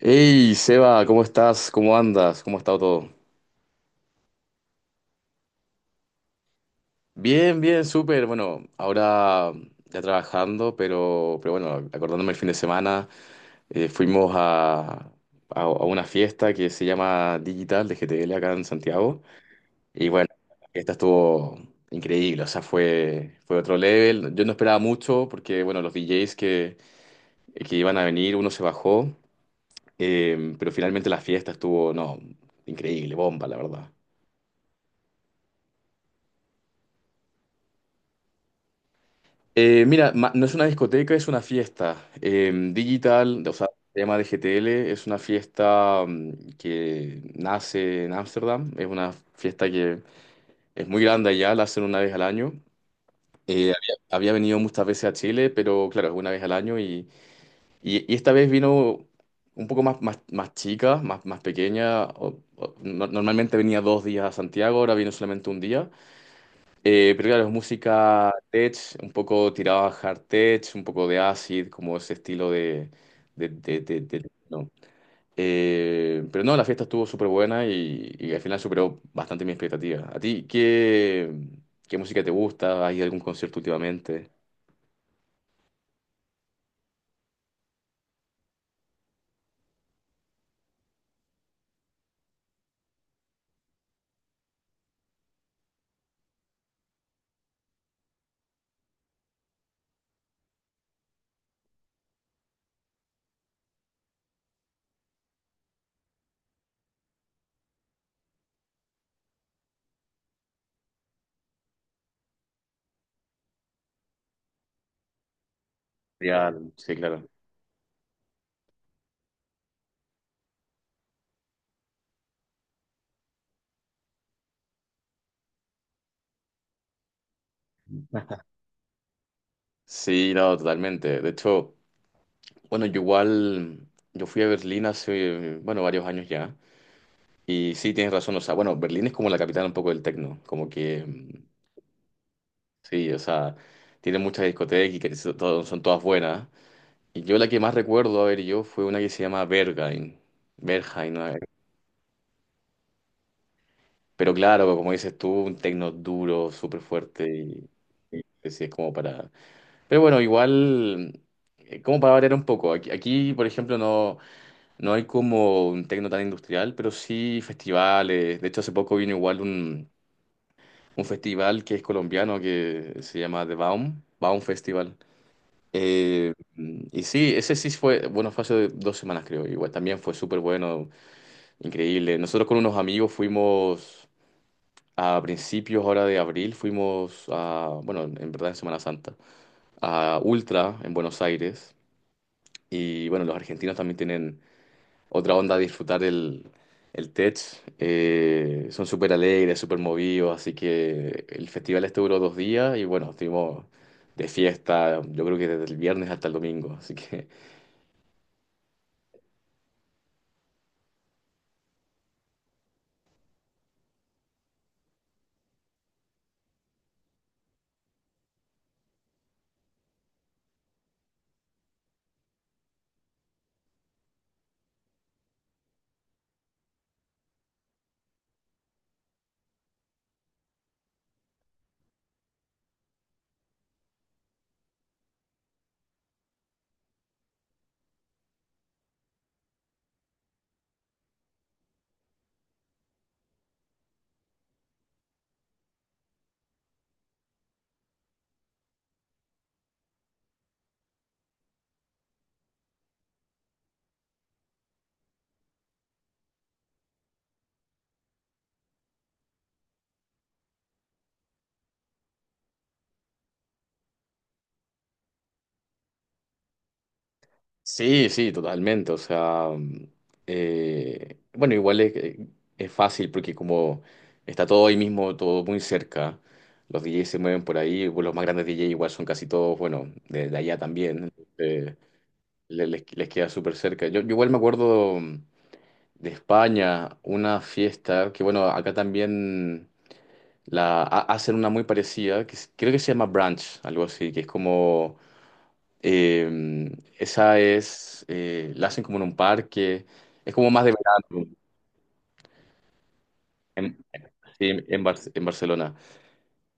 Hey, Seba, ¿cómo estás? ¿Cómo andas? ¿Cómo ha estado todo? Bien, bien, súper. Bueno, ahora ya trabajando, pero bueno, acordándome el fin de semana, fuimos a una fiesta que se llama Digital de GTL acá en Santiago. Y bueno, la fiesta estuvo increíble, o sea, fue otro level. Yo no esperaba mucho porque, bueno, los DJs que iban a venir, uno se bajó, pero finalmente la fiesta estuvo, no, increíble, bomba, la verdad. Mira, no es una discoteca, es una fiesta digital, o sea, se llama DGTL, es una fiesta que nace en Ámsterdam, es una fiesta que es muy grande allá, la hacen una vez al año. Había venido muchas veces a Chile, pero claro, es una vez al año y, y esta vez vino un poco más chica, más pequeña. Normalmente venía 2 días a Santiago, ahora vino solamente un día. Pero claro, es música tech, un poco tirada a hard tech, un poco de acid, como ese estilo de. No. Pero no, la fiesta estuvo súper buena y, al final superó bastante mi expectativa. ¿A ti qué música te gusta? ¿Hay algún concierto últimamente? Real, sí, claro. Sí, no, totalmente. De hecho, bueno, yo igual, yo fui a Berlín hace, bueno, varios años ya. Y sí, tienes razón, o sea, bueno, Berlín es como la capital un poco del techno como que. Sí, o sea, tiene muchas discotecas y que son todas buenas. Y yo la que más recuerdo, a ver, yo fue una que se llama Berghain. Berghain, ¿no? Pero claro, como dices tú, un techno duro, súper fuerte y, es como para. Pero bueno, igual, como para variar un poco. Aquí, por ejemplo, no hay como un techno tan industrial, pero sí festivales. De hecho, hace poco vino igual un festival que es colombiano que se llama The Baum, Baum Festival. Eh, y sí, ese sí fue, bueno, fue hace 2 semanas creo, igual también fue súper bueno, increíble. Nosotros con unos amigos fuimos a principios ahora de abril, fuimos a, bueno, en verdad en Semana Santa, a Ultra en Buenos Aires. Y bueno, los argentinos también tienen otra onda de disfrutar el, Tech. Son súper alegres, súper movidos, así que el festival este duró 2 días y bueno, estuvimos de fiesta, yo creo que desde el viernes hasta el domingo, así que. Sí, sí, totalmente. O sea, bueno, igual es fácil porque como está todo ahí mismo, todo muy cerca, los DJs se mueven por ahí, bueno, los más grandes DJs igual son casi todos, bueno, de allá también, eh, les queda súper cerca. Yo igual me acuerdo de España, una fiesta que bueno, acá también la hacen una muy parecida, creo que se llama brunch, algo así, que es como eh, la hacen como en un parque, es como más de verano. en, sí, en Barcelona.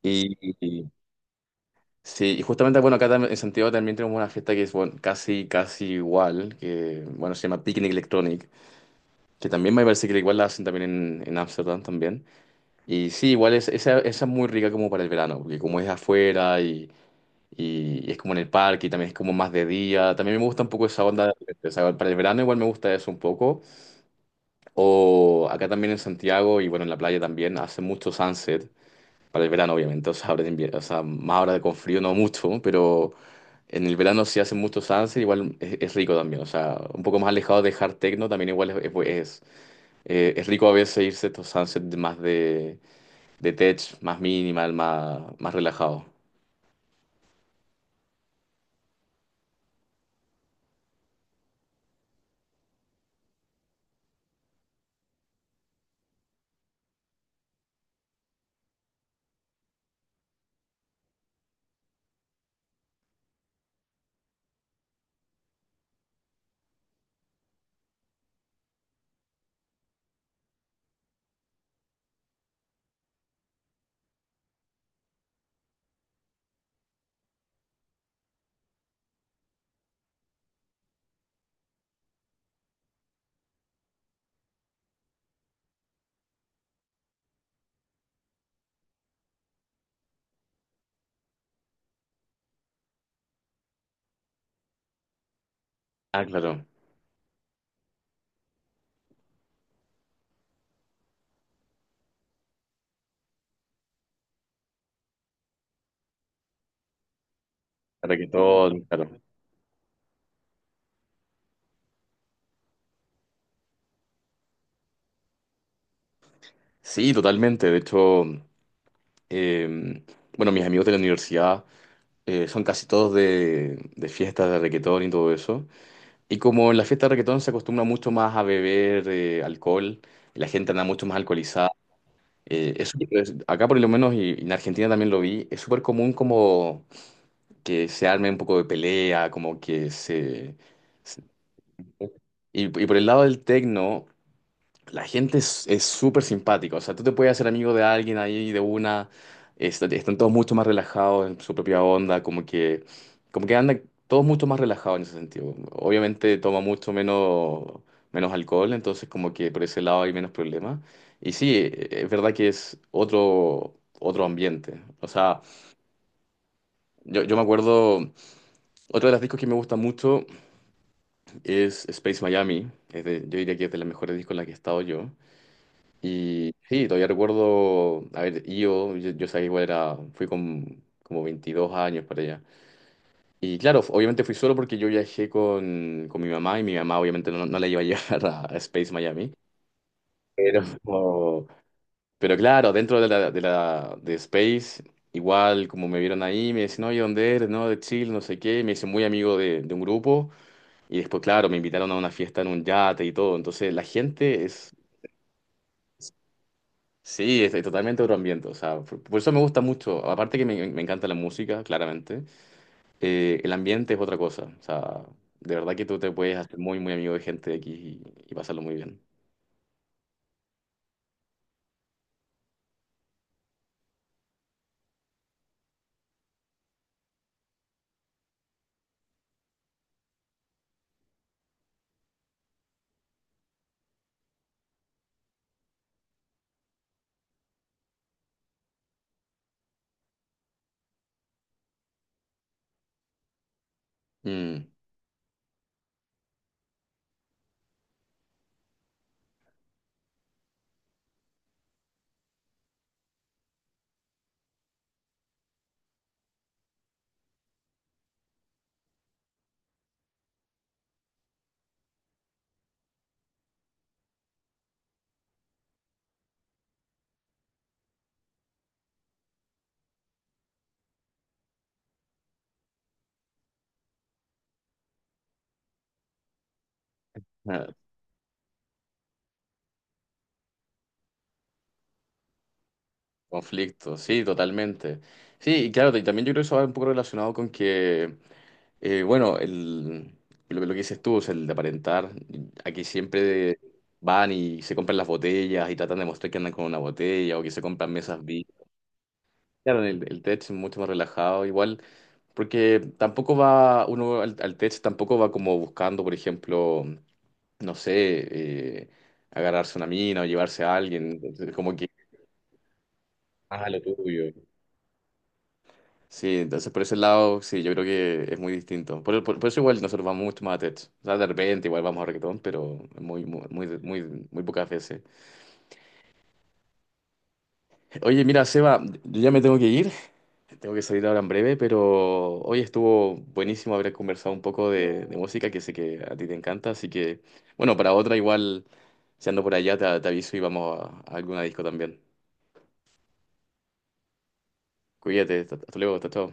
Y, y- sí, y justamente, bueno, acá en Santiago también tenemos una fiesta que es bueno, casi, casi igual, que bueno, se llama Picnic Electronic, que también me parece que igual la hacen también en, Ámsterdam también. Y sí, igual es, esa es muy rica como para el verano, porque como es afuera y, y es como en el parque y también es como más de día, también me gusta un poco esa onda, o sea, para el verano igual me gusta eso un poco. O acá también en Santiago y bueno, en la playa también hace mucho sunset, para el verano obviamente, o sea, ahora de invierno, o sea, más ahora con frío no mucho, pero en el verano sí hace mucho sunset, igual es rico también, o sea, un poco más alejado de hard techno también igual es rico a veces irse a estos sunsets más de tech, más minimal, más relajado. Ah, claro, todo claro. Sí, totalmente, de hecho, eh, bueno, mis amigos de la universidad. Son casi todos de fiestas de reguetón y todo eso. Y como en la fiesta de reguetón se acostumbra mucho más a beber alcohol, y la gente anda mucho más alcoholizada. Acá por lo menos y, en Argentina también lo vi, es súper común como que se arme un poco de pelea. Como que se... se- Y, por el lado del tecno, la gente es súper simpática, o sea, tú te puedes hacer amigo de alguien ahí de una, están todos mucho más relajados en su propia onda, como que andan todos mucho más relajados en ese sentido. Obviamente toma mucho menos alcohol, entonces como que por ese lado hay menos problemas. Y sí, es verdad que es otro ambiente. O sea, yo me acuerdo, otro de los discos que me gusta mucho es Space Miami, yo diría que es de las mejores discos en las que he estado yo. Y sí, todavía recuerdo, a ver, IO, yo sabía igual era, fui con como 22 años para allá. Y claro, obviamente fui solo porque yo viajé con mi mamá y mi mamá obviamente no la iba a llevar a Space Miami. Pero, pero claro, dentro de la de Space, igual como me vieron ahí, me decían, oye, ¿dónde eres? No, de Chile, no sé qué. Me hice muy amigo de un grupo. Y después, claro, me invitaron a una fiesta en un yate y todo. Entonces, la gente es. Sí, estoy totalmente otro ambiente, o sea, por eso me gusta mucho, aparte que me encanta la música, claramente, el ambiente es otra cosa, o sea, de verdad que tú te puedes hacer muy, muy amigo de gente de aquí y, pasarlo muy bien. Mm, ah, conflicto, sí, totalmente. Sí, y claro, y también yo creo que eso va un poco relacionado con que, bueno, lo que dices tú, es el de aparentar, aquí siempre van y se compran las botellas y tratan de mostrar que andan con una botella o que se compran mesas. Claro, el tech es mucho más relajado, igual, porque tampoco va, uno al tech tampoco va como buscando, por ejemplo, no sé, eh, agarrarse una mina o llevarse a alguien, entonces, como que, ah, lo tuyo. Sí, entonces por ese lado, sí, yo creo que es muy distinto. Por eso igual nosotros vamos mucho más a tech. O sea, de repente igual vamos a reggaetón, pero muy, muy, muy, muy, muy pocas veces. Oye, mira, Seba, yo ya me tengo que ir. Tengo que salir ahora en breve, pero hoy estuvo buenísimo haber conversado un poco de música, que sé que a ti te encanta, así que, bueno, para otra igual, si ando por allá, te aviso y vamos a alguna disco también. Cuídate, hasta luego, hasta chao.